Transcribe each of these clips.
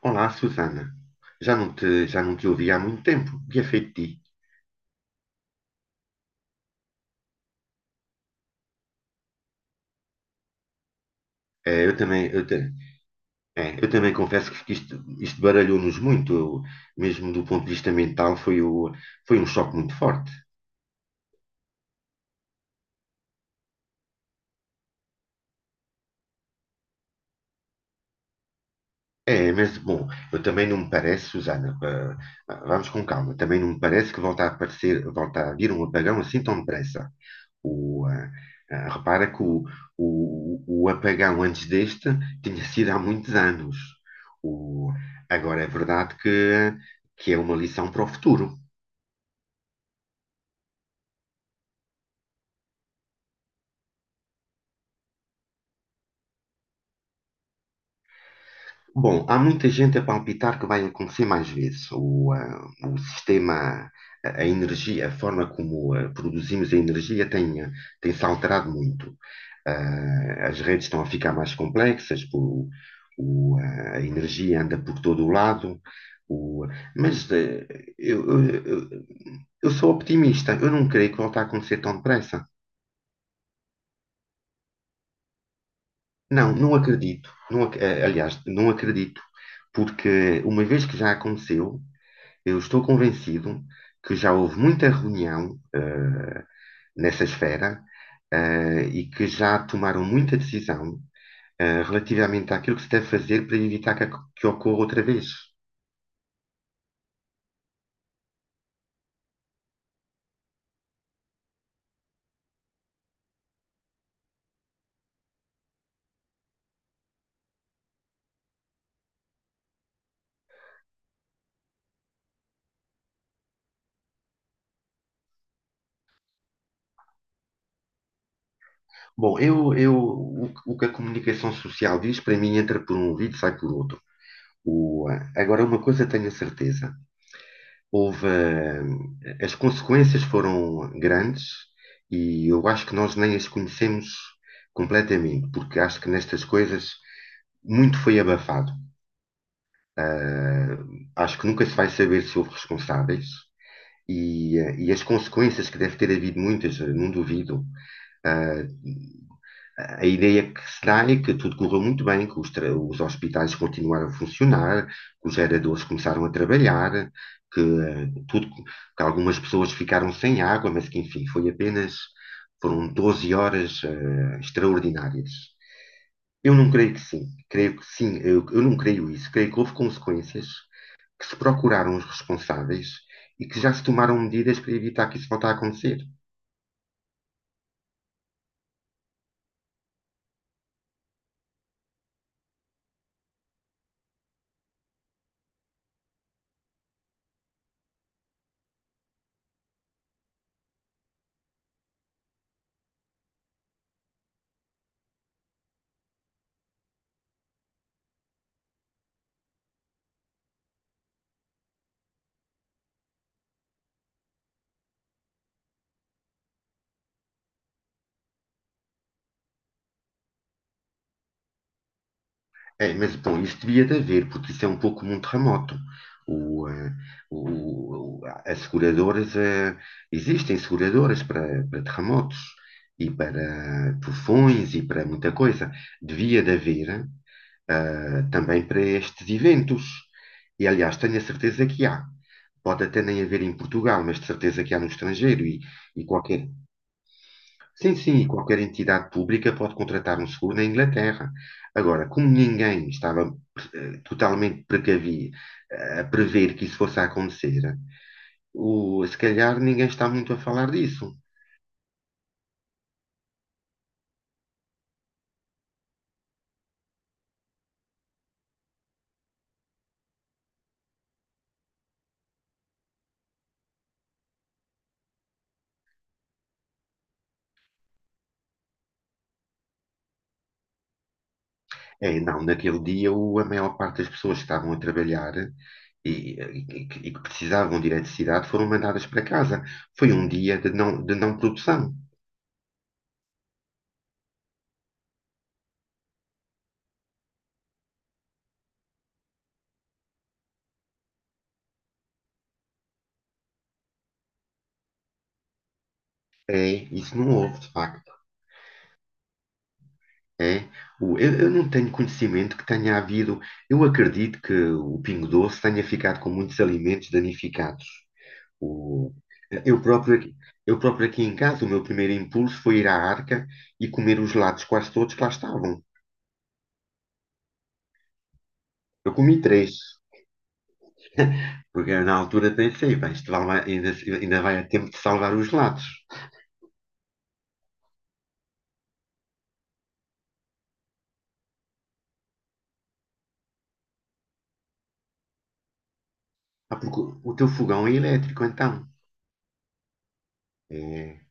Olá, Susana. Já não te ouvi há muito tempo. O que é feito de ti? É, eu também, eu, ta- é, Eu também confesso que isto baralhou-nos muito, mesmo do ponto de vista mental, foi um choque muito forte. É, mas bom, eu também não me parece, Susana, vamos com calma, também não me parece que volta a vir um apagão assim tão depressa. O, ah, Repara que o apagão antes deste tinha sido há muitos anos. O, Agora é verdade que é uma lição para o futuro. Bom, há muita gente a palpitar que vai acontecer mais vezes. O sistema, a energia, a forma como produzimos a energia tem-se alterado muito. As redes estão a ficar mais complexas, a energia anda por todo o lado. O, mas eh, eu, eu, eu- Eu sou optimista, eu não creio que volte a acontecer tão depressa. Não, não acredito. Não acredito, porque uma vez que já aconteceu. Eu estou convencido que já houve muita reunião, nessa esfera, e que já tomaram muita decisão, relativamente àquilo que se deve fazer para evitar que ocorra outra vez. Bom, eu, o que a comunicação social diz, para mim, entra por um ouvido e sai por outro. Agora, uma coisa tenho a certeza: houve, as consequências foram grandes e eu acho que nós nem as conhecemos completamente, porque acho que nestas coisas muito foi abafado. Acho que nunca se vai saber se houve responsáveis e as consequências que deve ter havido muitas, não duvido. Uh, a ideia que se dá é que tudo correu muito bem, os hospitais continuaram a funcionar, que os geradores começaram a trabalhar, que, uh, tudo, que algumas pessoas ficaram sem água, mas que enfim, foram 12 horas extraordinárias. Eu não creio que sim, creio que sim, eu não creio isso, creio que houve consequências que se procuraram os responsáveis e que já se tomaram medidas para evitar que isso volte a acontecer. É, mas, bom, isso devia de haver, porque isso é um pouco como um terremoto. O, eh, As seguradoras, existem seguradoras para, para terremotos e para tufões e para muita coisa. Devia de haver também para estes eventos. E, aliás, tenho a certeza que há. Pode até nem haver em Portugal, mas de certeza que há no estrangeiro e, e qualquer. Sim, sim, e qualquer entidade pública pode contratar um seguro na Inglaterra. Agora, como ninguém estava totalmente precavido a prever que isso fosse a acontecer, se calhar ninguém está muito a falar disso. É, não, naquele dia a maior parte das pessoas que estavam a trabalhar e, e que precisavam de eletricidade foram mandadas para casa. Foi um dia de não produção. É, isso não houve, de facto. É, eu não tenho conhecimento que tenha havido. Eu acredito que o Pingo Doce tenha ficado com muitos alimentos danificados. O, eu próprio, aqui- Eu próprio aqui em casa, o meu primeiro impulso foi ir à arca e comer os lados quase todos que lá estavam. Eu comi três, porque eu, na altura pensei, bem, isto vai, vai- ainda, ainda vai a tempo de salvar os lados. Ah, porque o teu fogão é elétrico, então. É.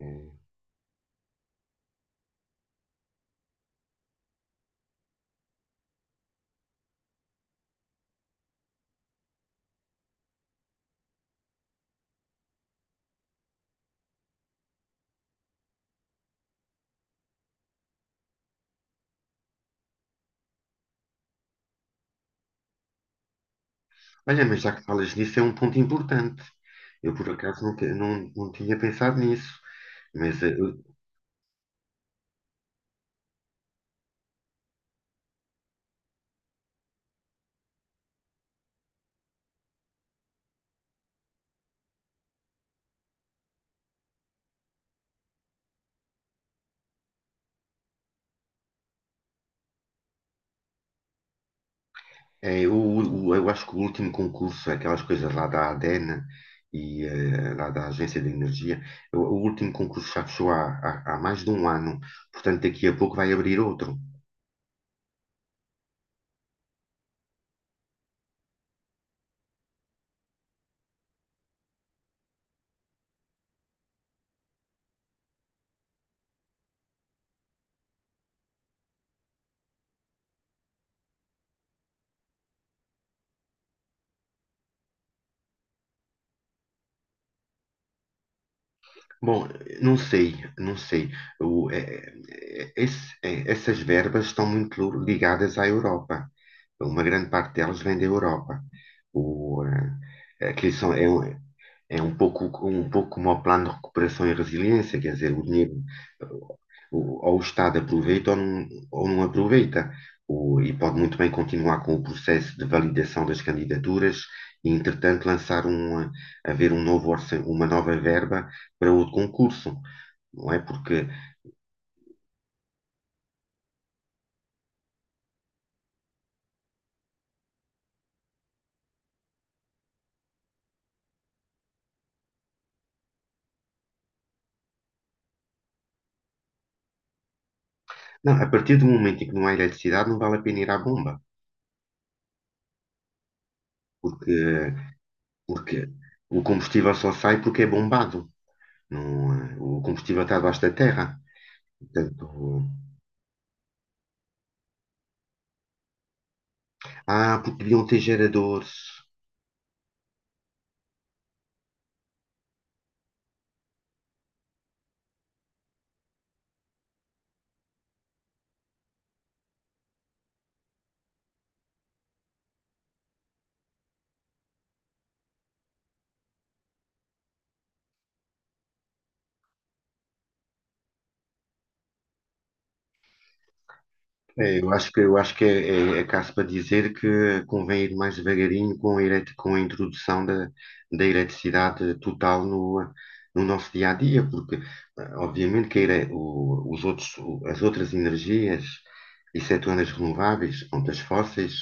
É. Olha, mas já que falas nisso, é um ponto importante. Eu, por acaso, não, não tinha pensado nisso. Mas eh, eu- eu acho que o último concurso, aquelas coisas lá da ADENA e lá da Agência de Energia, o último concurso já fechou há mais de um ano. Portanto, daqui a pouco vai abrir outro. Bom, não sei, não sei. Essas verbas estão muito ligadas à Europa. Uma grande parte delas vem da Europa. O, Aqui é um pouco como o plano de recuperação e resiliência, quer dizer, o dinheiro, eh, ou o Estado aproveita ou não aproveita. E pode muito bem continuar com o processo de validação das candidaturas e, entretanto, haver um novo uma nova verba para outro concurso, não é? Porque, não, a partir do momento em que não há eletricidade, não vale a pena ir à bomba, porque Porque o combustível só sai porque é bombado. Não, eh, O combustível está debaixo da terra. Portanto, ah, porque deviam ter geradores. É, eu acho que é, é, é caso para dizer que convém ir mais devagarinho com a introdução da eletricidade total no nosso dia a dia, porque obviamente que a ele- o- os outros, o- as outras energias, excetuando as renováveis, quanto as fósseis,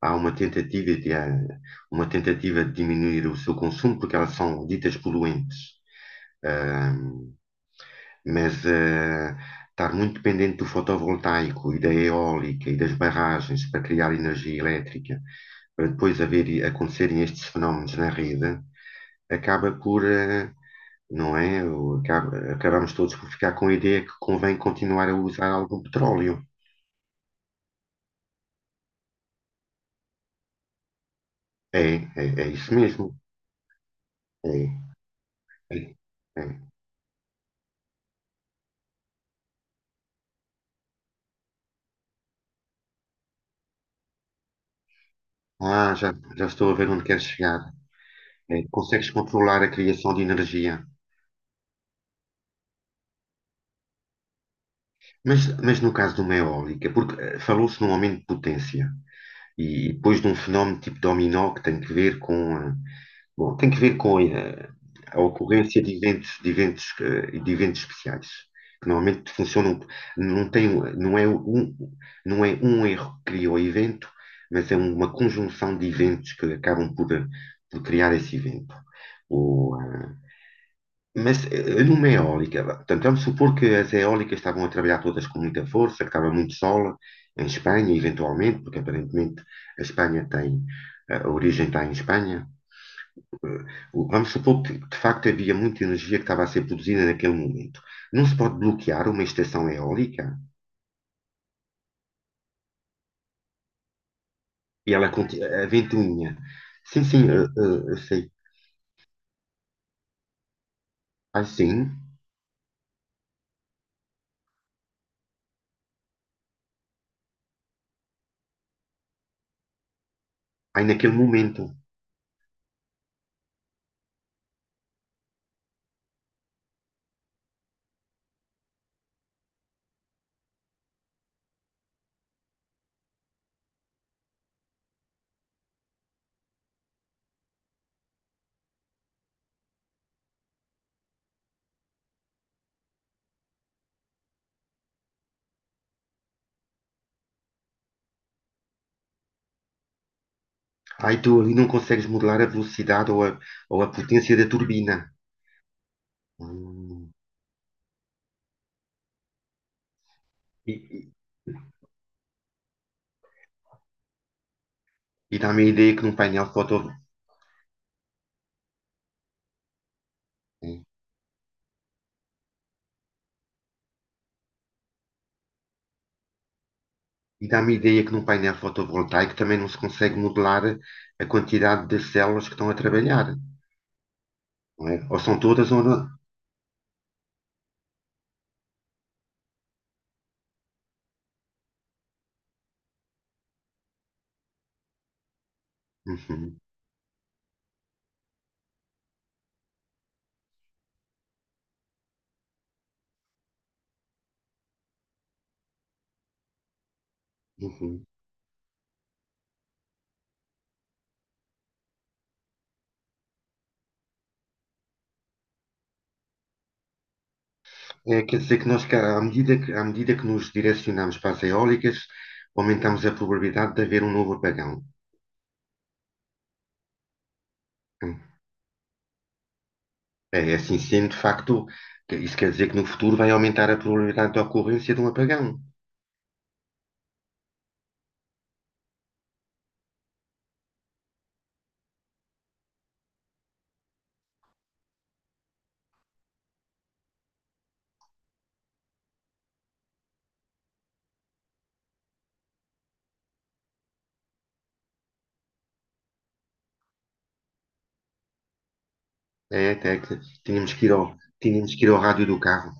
há uma tentativa de diminuir o seu consumo, porque elas são ditas poluentes, mas estar muito dependente do fotovoltaico e da eólica e das barragens para criar energia elétrica, para acontecerem estes fenómenos na rede, acaba por, eh, não é? Acabamos todos por ficar com a ideia que convém continuar a usar algum petróleo. É, é, é isso mesmo. É, é, é. Ah, já, já estou a ver onde queres chegar. É, consegues controlar a criação de energia. Mas no caso de uma eólica, porque falou-se num aumento de potência. E depois de um fenómeno tipo dominó que tem que ver tem que ver com a ocorrência de eventos, de eventos especiais, que normalmente funcionam, não tem, não é não é um erro que cria o evento, mas é uma conjunção de eventos que acabam por criar esse evento. Ou, Numa eólica, vá, portanto, vamos supor que as eólicas estavam a trabalhar todas com muita força, que estava muito sol em Espanha, eventualmente, porque aparentemente a Espanha tem, a origem está em Espanha. Eh, Vamos supor que de facto havia muita energia que estava a ser produzida naquele momento. Não se pode bloquear uma estação eólica e a ventoinha. Sim, sim, eu sei. Ai, sim, ai naquele momento. Ai, tu ali não consegues modelar a velocidade ou a potência da turbina. Hum. E, e, e dá-me a ideia que num painel foto... é, e dá-me a ideia que num painel fotovoltaico também não se consegue modelar a quantidade de células que estão a trabalhar, não é? Ou são todas ou não. Uhum, uhum. É, quer dizer que à medida que, à medida que nos direcionamos para as eólicas, aumentamos a probabilidade de haver um novo apagão. Hum. É, é assim sendo, de facto, isso quer dizer que no futuro vai aumentar a probabilidade de ocorrência de um apagão. É, até que tínhamos que ir ao, tínhamos que ir ao rádio do carro.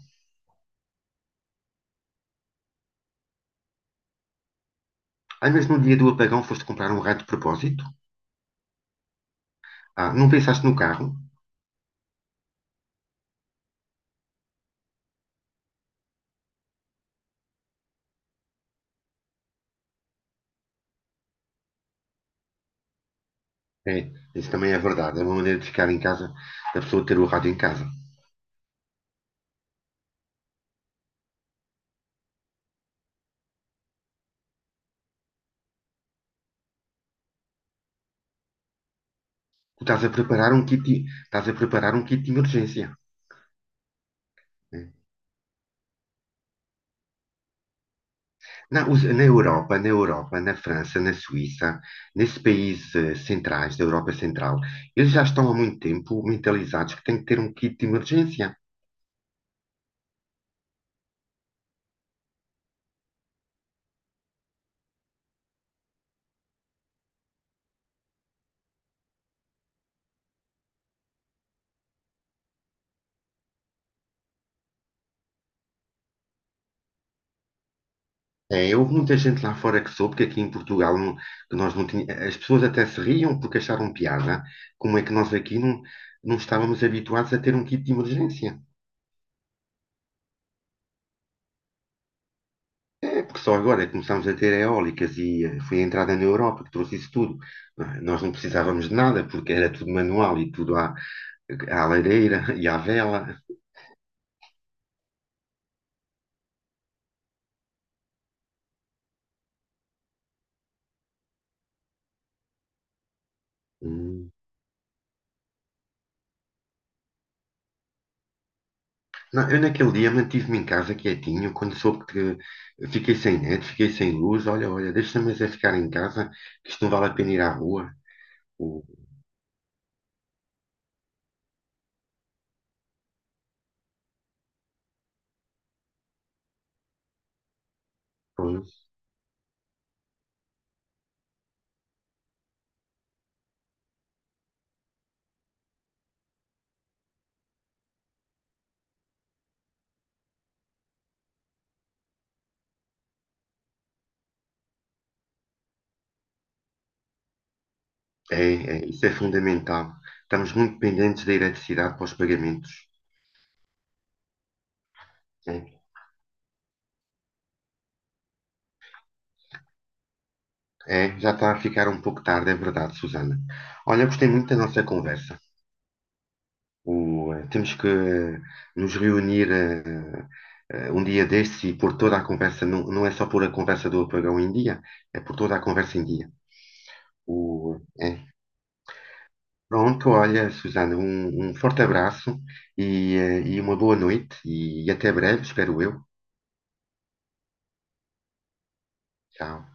Às vezes, no dia do apagão, foste comprar um raio de propósito. Ah, não pensaste no carro. É, isso também é verdade. É uma maneira de ficar em casa, da pessoa ter o rádio em casa. Tu estás a preparar estás a preparar um kit de emergência. Né? Na Europa, na Europa, na França, na Suíça, nesses países centrais, da Europa Central, eles já estão há muito tempo mentalizados que têm que ter um kit de emergência. É, houve muita gente lá fora que soube que aqui em Portugal que nós não tinha, as pessoas até se riam porque acharam piada. Como é que nós aqui não estávamos habituados a ter um kit de emergência? É porque só agora começámos a ter eólicas e foi a entrada na Europa que trouxe isso tudo. Não é? Nós não precisávamos de nada porque era tudo manual e tudo à lareira e à vela. Hum. Não, eu naquele dia mantive-me em casa quietinho, quando soube que fiquei sem net, fiquei sem luz, olha, olha, deixa-me mas é ficar em casa, que isto não vale a pena ir à rua. O- Pois, é, é, isso é fundamental. Estamos muito dependentes da eletricidade para os pagamentos. É, é, já está a ficar um pouco tarde, é verdade, Susana. Olha, gostei muito da nossa conversa. Temos que nos reunir um dia destes e pôr toda a conversa, não, não é só pôr a conversa do apagão em dia, é pôr toda a conversa em dia. É. Pronto, olha, Susana, um forte abraço e uma boa noite e até breve, espero eu. Tchau.